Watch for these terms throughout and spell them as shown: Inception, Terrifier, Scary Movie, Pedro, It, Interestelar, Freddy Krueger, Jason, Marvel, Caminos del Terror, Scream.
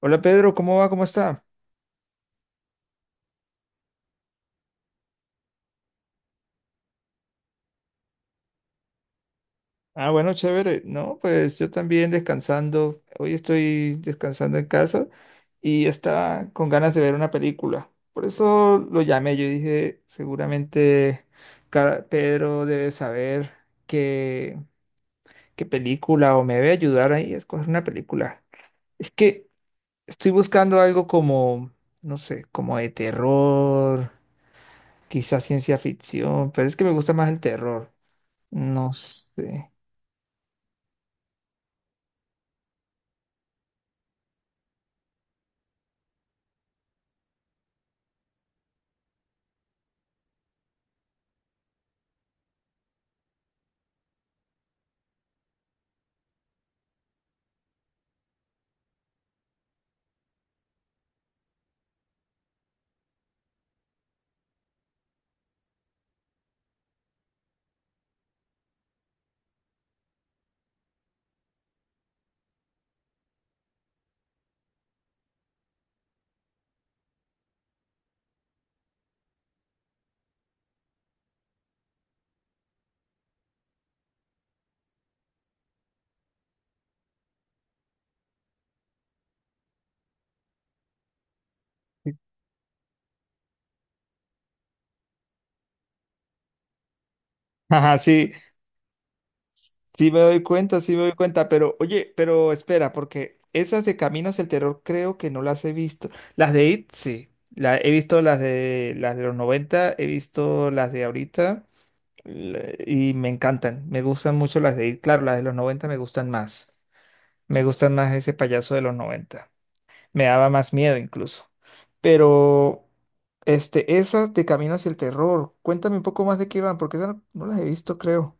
Hola, Pedro, ¿cómo va? ¿Cómo está? Ah, bueno, chévere. No, pues yo también descansando. Hoy estoy descansando en casa y estaba con ganas de ver una película. Por eso lo llamé. Yo dije, seguramente Pedro debe saber qué, qué película o me debe ayudar ahí a escoger una película. Es que estoy buscando algo como, no sé, como de terror, quizás ciencia ficción, pero es que me gusta más el terror. No sé. Ajá, sí, sí me doy cuenta, sí me doy cuenta, pero oye, pero espera, porque esas de Caminos del Terror creo que no las he visto. Las de It, sí, he visto las de los 90, he visto las de ahorita y me encantan, me gustan mucho las de It, claro, las de los 90 me gustan más ese payaso de los 90, me daba más miedo incluso, pero esas de Caminos del Terror, cuéntame un poco más de qué van, porque esas no, no las he visto, creo.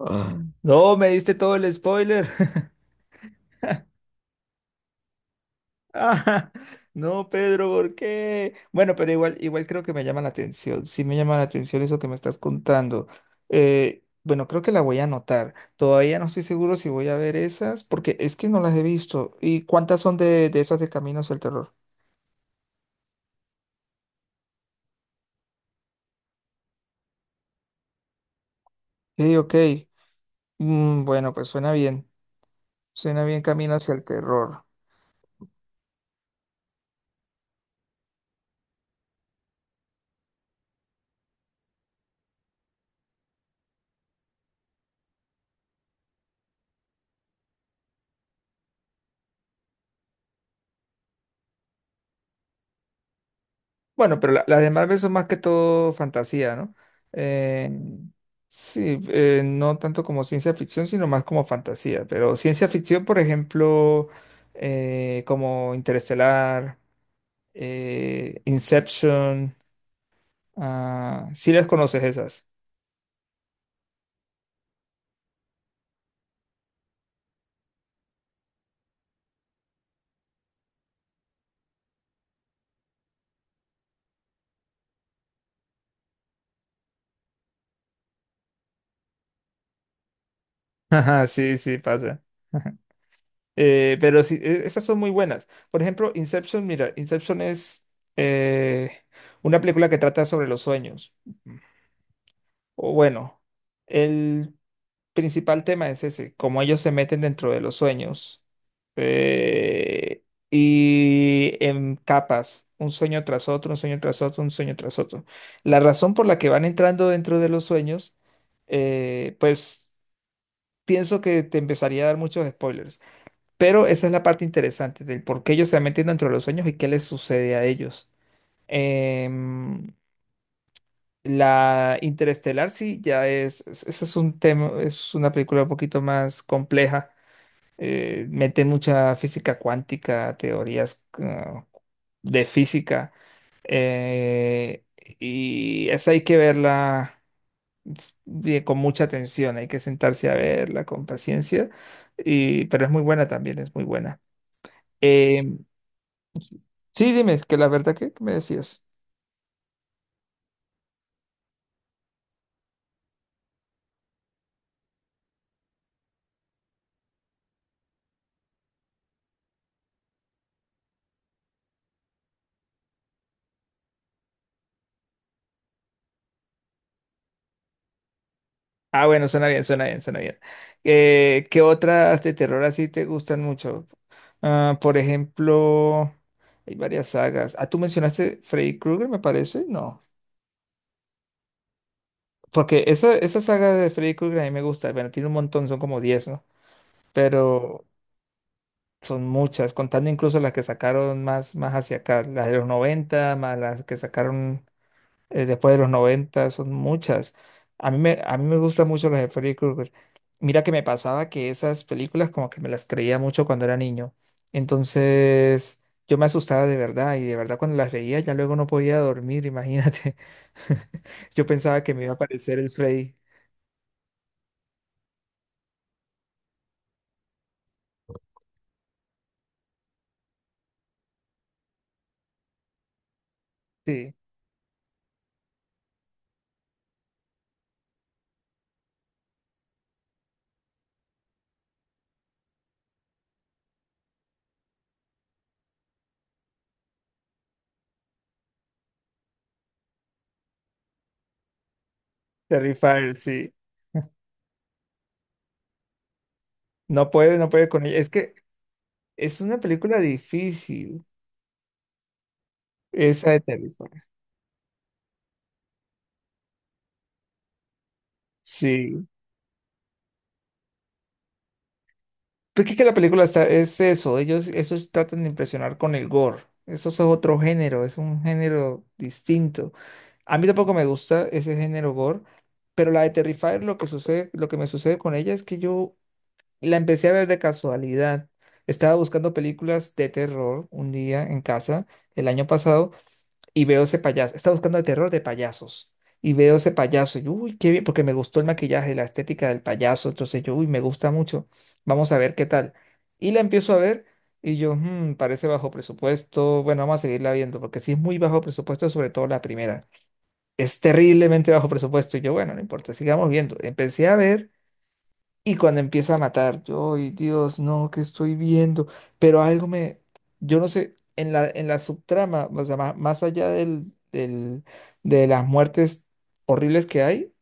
Ah, no, me diste todo el spoiler. Ah, no, Pedro, ¿por qué? Bueno, pero igual, igual creo que me llama la atención. Sí me llama la atención eso que me estás contando. Bueno, creo que la voy a anotar. Todavía no estoy seguro si voy a ver esas, porque es que no las he visto. ¿Y cuántas son de esas de Camino hacia el Terror? Sí, ok. Mm, bueno, pues suena bien. Suena bien Camino hacia el Terror. Bueno, pero las de Marvel son más que todo fantasía, ¿no? Eh, sí, no tanto como ciencia ficción, sino más como fantasía. Pero ciencia ficción, por ejemplo, como Interestelar, Inception, ah, sí las conoces esas. Ajá, sí, sí, pasa. Pero sí, esas son muy buenas. Por ejemplo, Inception, mira, Inception es eh, una película que trata sobre los sueños. O bueno, el principal tema es ese, cómo ellos se meten dentro de los sueños eh, y en capas, un sueño tras otro, un sueño tras otro, un sueño tras otro. La razón por la que van entrando dentro de los sueños, pues pienso que te empezaría a dar muchos spoilers, pero esa es la parte interesante del por qué ellos se meten dentro de los sueños y qué les sucede a ellos. Em, la Interestelar sí ya es, ese es un tema, es una película un poquito más compleja, mete mucha física cuántica, teorías de física, eh, y esa hay que verla con mucha atención, hay que sentarse a verla con paciencia, y, pero es muy buena también, es muy buena. Eh, sí, dime, que la verdad que me decías. Ah, bueno, suena bien, suena bien, suena bien. ¿Qué otras de terror así te gustan mucho? Ah, por ejemplo, hay varias sagas. Ah, tú mencionaste Freddy Krueger, me parece, ¿no? Porque esa saga de Freddy Krueger a mí me gusta. Bueno, tiene un montón, son como 10, ¿no? Pero son muchas, contando incluso las que sacaron más, más hacia acá, las de los 90 más las que sacaron, después de los 90 son muchas. A mí me gustan mucho las de Freddy Krueger. Mira que me pasaba que esas películas como que me las creía mucho cuando era niño. Entonces yo me asustaba de verdad y de verdad cuando las veía, ya luego no podía dormir, imagínate. Yo pensaba que me iba a aparecer el Freddy. Sí. Terrifier, sí. No puede, no puede con ella. Es que es una película difícil, esa de Terrifier. Sí. Porque es que la película está, es eso, ellos esos tratan de impresionar con el gore. Eso es otro género, es un género distinto. A mí tampoco me gusta ese género gore, pero la de Terrifier lo que sucede, lo que me sucede con ella es que yo la empecé a ver de casualidad. Estaba buscando películas de terror un día en casa el año pasado y veo ese payaso, está buscando el terror de payasos. Y veo ese payaso y, uy, qué bien, porque me gustó el maquillaje, la estética del payaso. Entonces yo, uy, me gusta mucho. Vamos a ver qué tal. Y la empiezo a ver y yo, "Hmm, parece bajo presupuesto. Bueno, vamos a seguirla viendo, porque sí es muy bajo presupuesto, sobre todo la primera. Es terriblemente bajo presupuesto". Y yo, bueno, no importa, sigamos viendo. Empecé a ver y cuando empieza a matar, yo, ay, Dios, no, ¿qué estoy viendo? Pero algo me, yo no sé, en la subtrama, o sea, más allá de las muertes horribles que hay,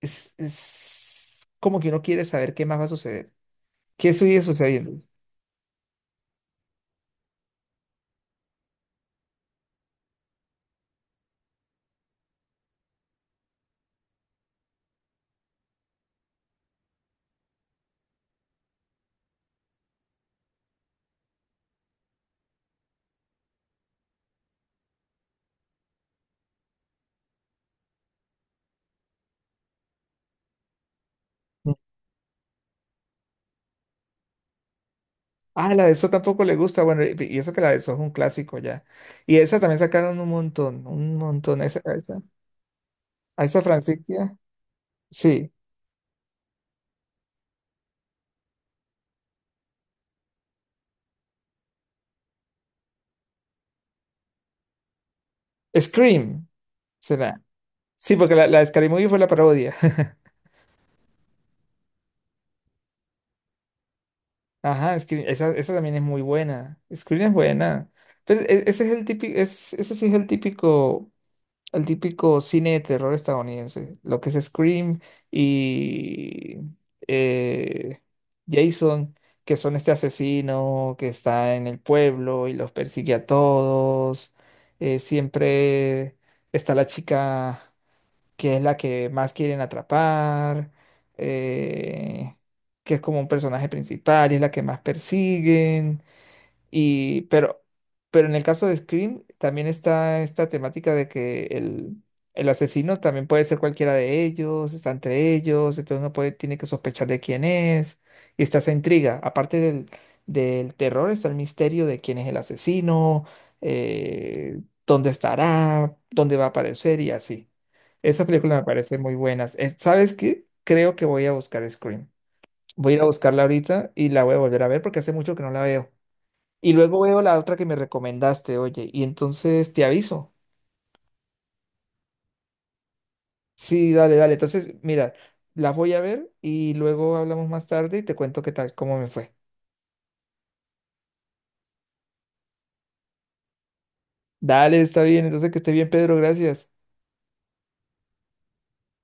es como que uno quiere saber qué más va a suceder, qué sigue sucediendo. Ah, la de eso tampoco le gusta, bueno, y eso que la de eso es un clásico ya. Y esa también sacaron un montón, a esa Francisca, sí, Scream, será. Sí, porque la de Scary Movie fue la parodia. Ajá, Scream, esa también es muy buena. Scream es buena. Pues, ese es el típico, ese sí es el típico cine de terror estadounidense. Lo que es Scream y eh, Jason, que son este asesino que está en el pueblo y los persigue a todos. Siempre está la chica, que es la que más quieren atrapar, eh, que es como un personaje principal y es la que más persiguen. Y, pero, pero en el caso de Scream también está esta temática de que el asesino también puede ser cualquiera de ellos, está entre ellos, entonces uno puede, tiene que sospechar de quién es, y está esa intriga. Aparte del terror está el misterio de quién es el asesino, eh, dónde estará, dónde va a aparecer y así. Esa película me parece muy buena. ¿Sabes qué? Creo que voy a buscar Scream. Voy a ir a buscarla ahorita y la voy a volver a ver porque hace mucho que no la veo. Y luego veo la otra que me recomendaste, oye, y entonces te aviso. Sí, dale, dale. Entonces, mira, las voy a ver y luego hablamos más tarde y te cuento qué tal, cómo me fue. Dale, está bien. Entonces, que esté bien, Pedro. Gracias.